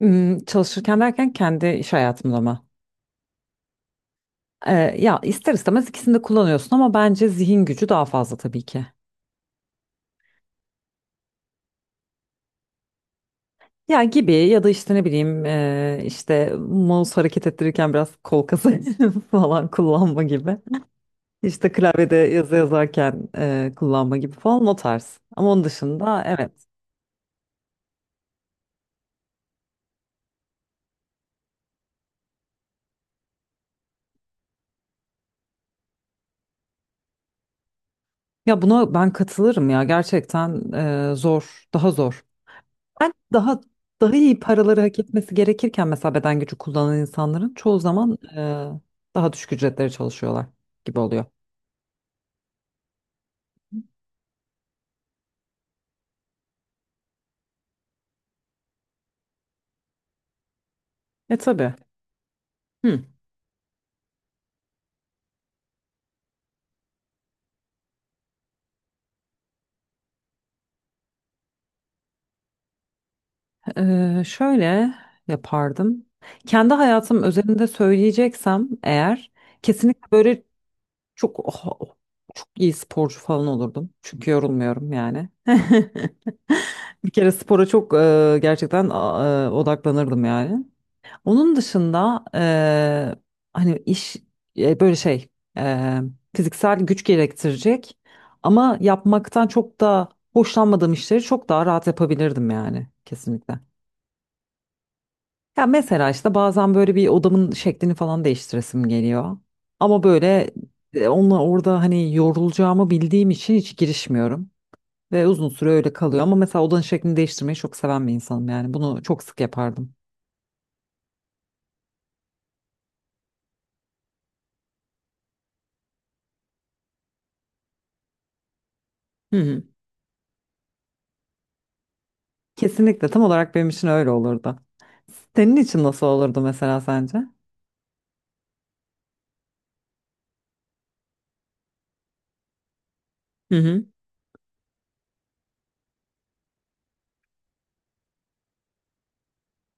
Çalışırken derken kendi iş hayatımda mı? Ee, Ya ister istemez ikisini de kullanıyorsun ama bence zihin gücü daha fazla tabii ki. Ya gibi ya da işte ne bileyim işte mouse hareket ettirirken biraz kol kası falan kullanma gibi. İşte klavyede yazı yazarken kullanma gibi falan o tarz. Ama onun dışında evet. Ya buna ben katılırım ya gerçekten zor daha zor. Ben daha iyi paraları hak etmesi gerekirken mesela beden gücü kullanan insanların çoğu zaman daha düşük ücretlere çalışıyorlar gibi oluyor. E tabii. Hı. Şöyle yapardım. Kendi hayatım özelinde söyleyeceksem eğer kesinlikle böyle çok çok iyi sporcu falan olurdum. Çünkü yorulmuyorum yani. Bir kere spora çok gerçekten odaklanırdım yani. Onun dışında hani iş böyle şey eee, fiziksel güç gerektirecek ama yapmaktan çok da hoşlanmadığım işleri çok daha rahat yapabilirdim yani kesinlikle. Ya mesela işte bazen böyle bir odamın şeklini falan değiştiresim geliyor. Ama böyle onunla orada hani yorulacağımı bildiğim için hiç girişmiyorum. Ve uzun süre öyle kalıyor. Ama mesela odanın şeklini değiştirmeyi çok seven bir insanım yani. Bunu çok sık yapardım. Hı hı. Kesinlikle tam olarak benim için öyle olurdu. Senin için nasıl olurdu mesela sence? Hı hı.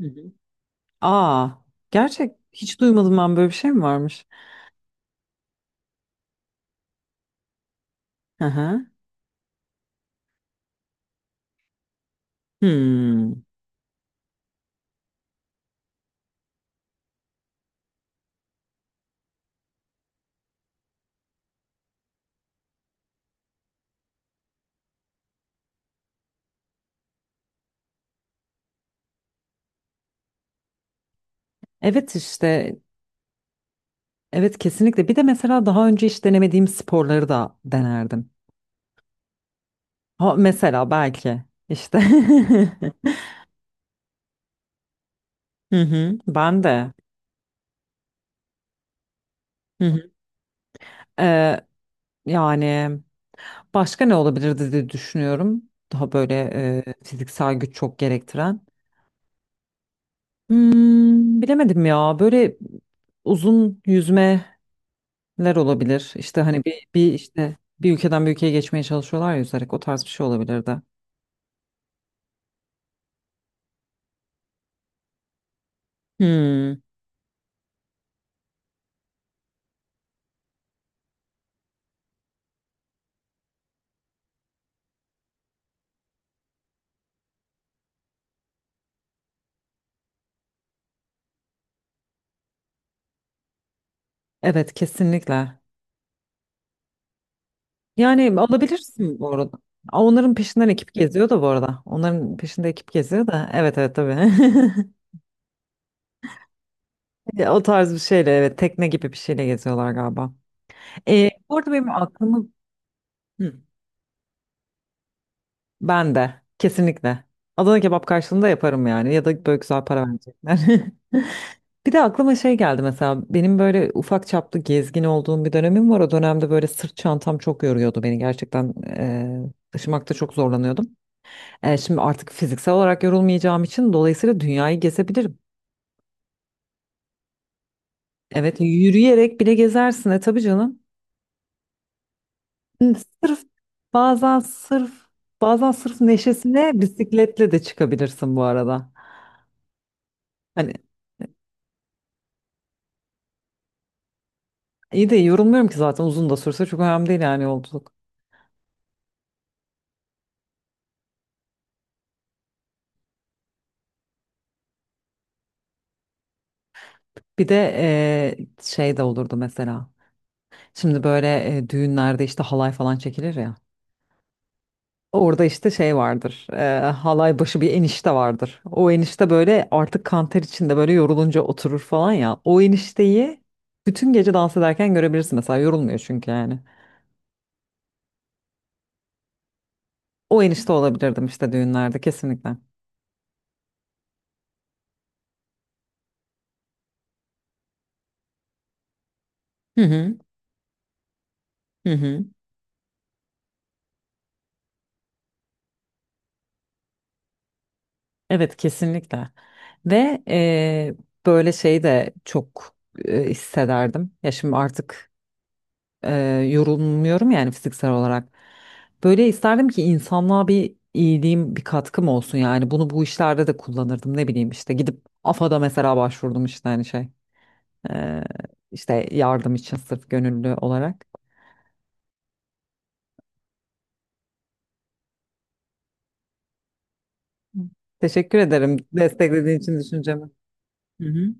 Hı hı. Aa, gerçek hiç duymadım, ben böyle bir şey mi varmış? Hı hı. Hmm. Evet işte evet kesinlikle. Bir de mesela daha önce hiç denemediğim sporları da denerdim. Ha, mesela belki işte Hı hı. Ben de. Hı hı. Ee, Yani başka ne olabilirdi diye düşünüyorum. Daha böyle fiziksel güç çok gerektiren. Hmm, bilemedim ya. Böyle uzun yüzmeler olabilir. İşte hani bir işte bir ülkeden bir ülkeye geçmeye çalışıyorlar ya yüzerek. O tarz bir şey olabilir de. Hmm, evet kesinlikle. Yani alabilirsin bu arada. Aa, onların peşinden ekip geziyor da bu arada. Onların peşinde ekip geziyor da. Evet evet tabii. Ya, o tarz bir şeyle evet, tekne gibi bir şeyle geziyorlar galiba. Bu arada benim aklımı Hı. Ben de. Kesinlikle. Adana kebap karşılığında yaparım yani. Ya da böyle güzel para verecekler. Bir de aklıma şey geldi mesela. Benim böyle ufak çaplı gezgin olduğum bir dönemim var. O dönemde böyle sırt çantam çok yoruyordu beni. Gerçekten taşımakta çok zorlanıyordum. Şimdi artık fiziksel olarak yorulmayacağım için dolayısıyla dünyayı gezebilirim. Evet yürüyerek bile gezersin. E tabii canım. Hı, Sırf bazen sırf sırf neşesine bisikletle de çıkabilirsin bu arada. Hani İyi de yorulmuyorum ki zaten, uzun da sürse çok önemli değil yani yolculuk. Bir de şey de olurdu mesela. Şimdi böyle düğünlerde işte halay falan çekilir ya. Orada işte şey vardır. Halay başı bir enişte vardır. O enişte böyle artık kanter içinde böyle yorulunca oturur falan ya. O enişteyi bütün gece dans ederken görebilirsin mesela, yorulmuyor çünkü yani. O enişte olabilirdim işte düğünlerde kesinlikle. Hı hı. Hı hı. Evet kesinlikle ve böyle şey de çok hissederdim ya, şimdi artık eee, yorulmuyorum yani fiziksel olarak, böyle isterdim ki insanlığa bir iyiliğim bir katkım olsun yani, bunu bu işlerde de kullanırdım ne bileyim işte gidip AFA'da mesela başvurdum işte hani şey eee, işte yardım için sırf gönüllü olarak Hı. Teşekkür ederim desteklediğin için düşüncemi. Hı hı.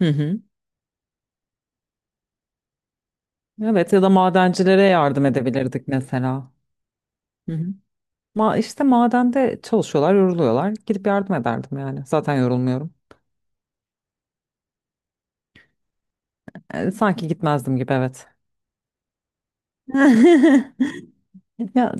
Hı hı. Evet ya da madencilere yardım edebilirdik mesela. Hı hı. İşte madende çalışıyorlar, yoruluyorlar. Gidip yardım ederdim yani. Zaten yorulmuyorum. E, sanki gitmezdim gibi evet. Ya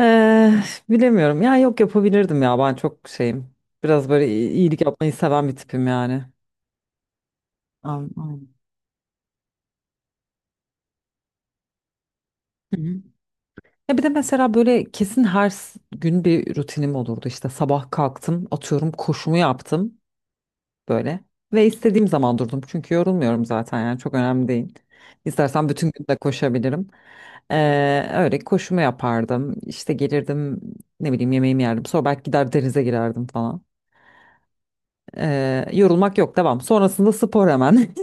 eee, bilemiyorum. Ya yok, yapabilirdim ya. Ben çok şeyim. Biraz böyle iyilik yapmayı seven bir tipim yani. Aynen. Aynen. Hı hı. Ya bir de mesela böyle kesin her gün bir rutinim olurdu. İşte sabah kalktım, atıyorum koşumu yaptım. Böyle. Ve istediğim zaman durdum. Çünkü yorulmuyorum zaten yani, çok önemli değil. İstersen bütün gün de koşabilirim. Öyle koşumu yapardım. İşte gelirdim, ne bileyim, yemeğimi yerdim. Sonra belki gider denize girerdim falan. Yorulmak yok, devam. Sonrasında spor hemen.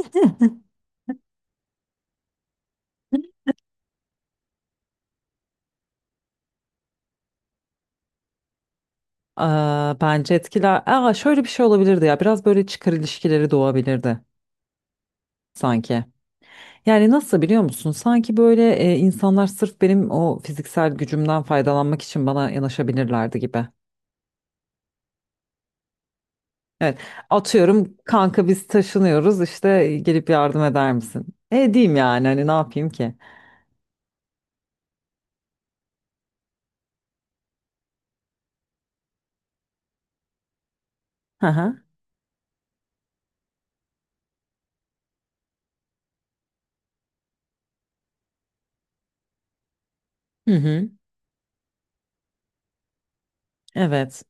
Aa, bence etkiler. Aa, şöyle bir şey olabilirdi ya. Biraz böyle çıkar ilişkileri doğabilirdi sanki. Yani nasıl biliyor musun? Sanki böyle insanlar sırf benim o fiziksel gücümden faydalanmak için bana yanaşabilirlerdi gibi. Evet. Atıyorum kanka biz taşınıyoruz işte, gelip yardım eder misin? E diyeyim yani hani, ne yapayım ki? Hı hı. Hı hı. Evet.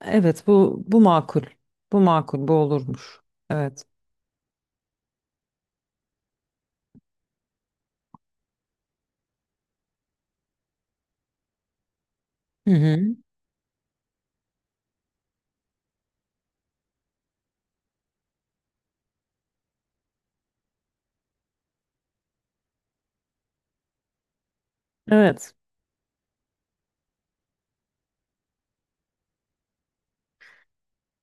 Evet bu makul. Bu makul, bu olurmuş. Evet. Hı hı. Evet.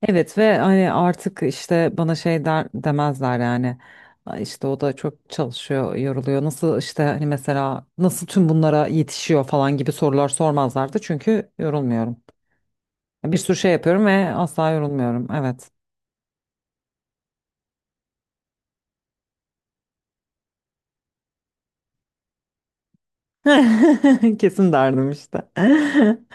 Evet ve hani artık işte bana şey der, demezler yani. "Ay İşte o da çok çalışıyor, yoruluyor. Nasıl işte hani mesela nasıl tüm bunlara yetişiyor" falan gibi sorular sormazlardı. Çünkü yorulmuyorum. Bir sürü şey yapıyorum ve asla yorulmuyorum. Evet. Kesin derdim işte.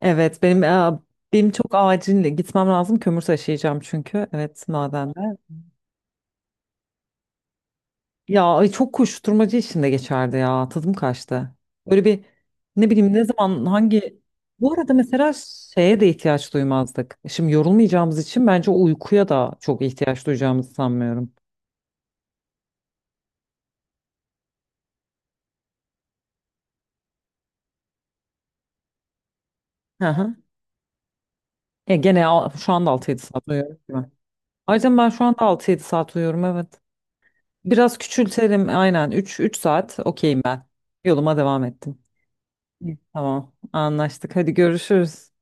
Evet benim benim çok acil gitmem lazım. Kömür taşıyacağım çünkü. Evet madende. Ya ay, çok koşturmacı içinde geçerdi ya. Tadım kaçtı. Böyle bir ne bileyim ne zaman hangi Bu arada mesela şeye de ihtiyaç duymazdık. Şimdi yorulmayacağımız için bence uykuya da çok ihtiyaç duyacağımızı sanmıyorum. Hı hı. E, gene şu anda 6-7 saat uyuyorum, değil mi? Ayrıca ben şu anda 6-7 saat uyuyorum evet. Biraz küçültelim aynen, 3 saat okeyim ben. Yoluma devam ettim. İyi. Tamam anlaştık, hadi görüşürüz.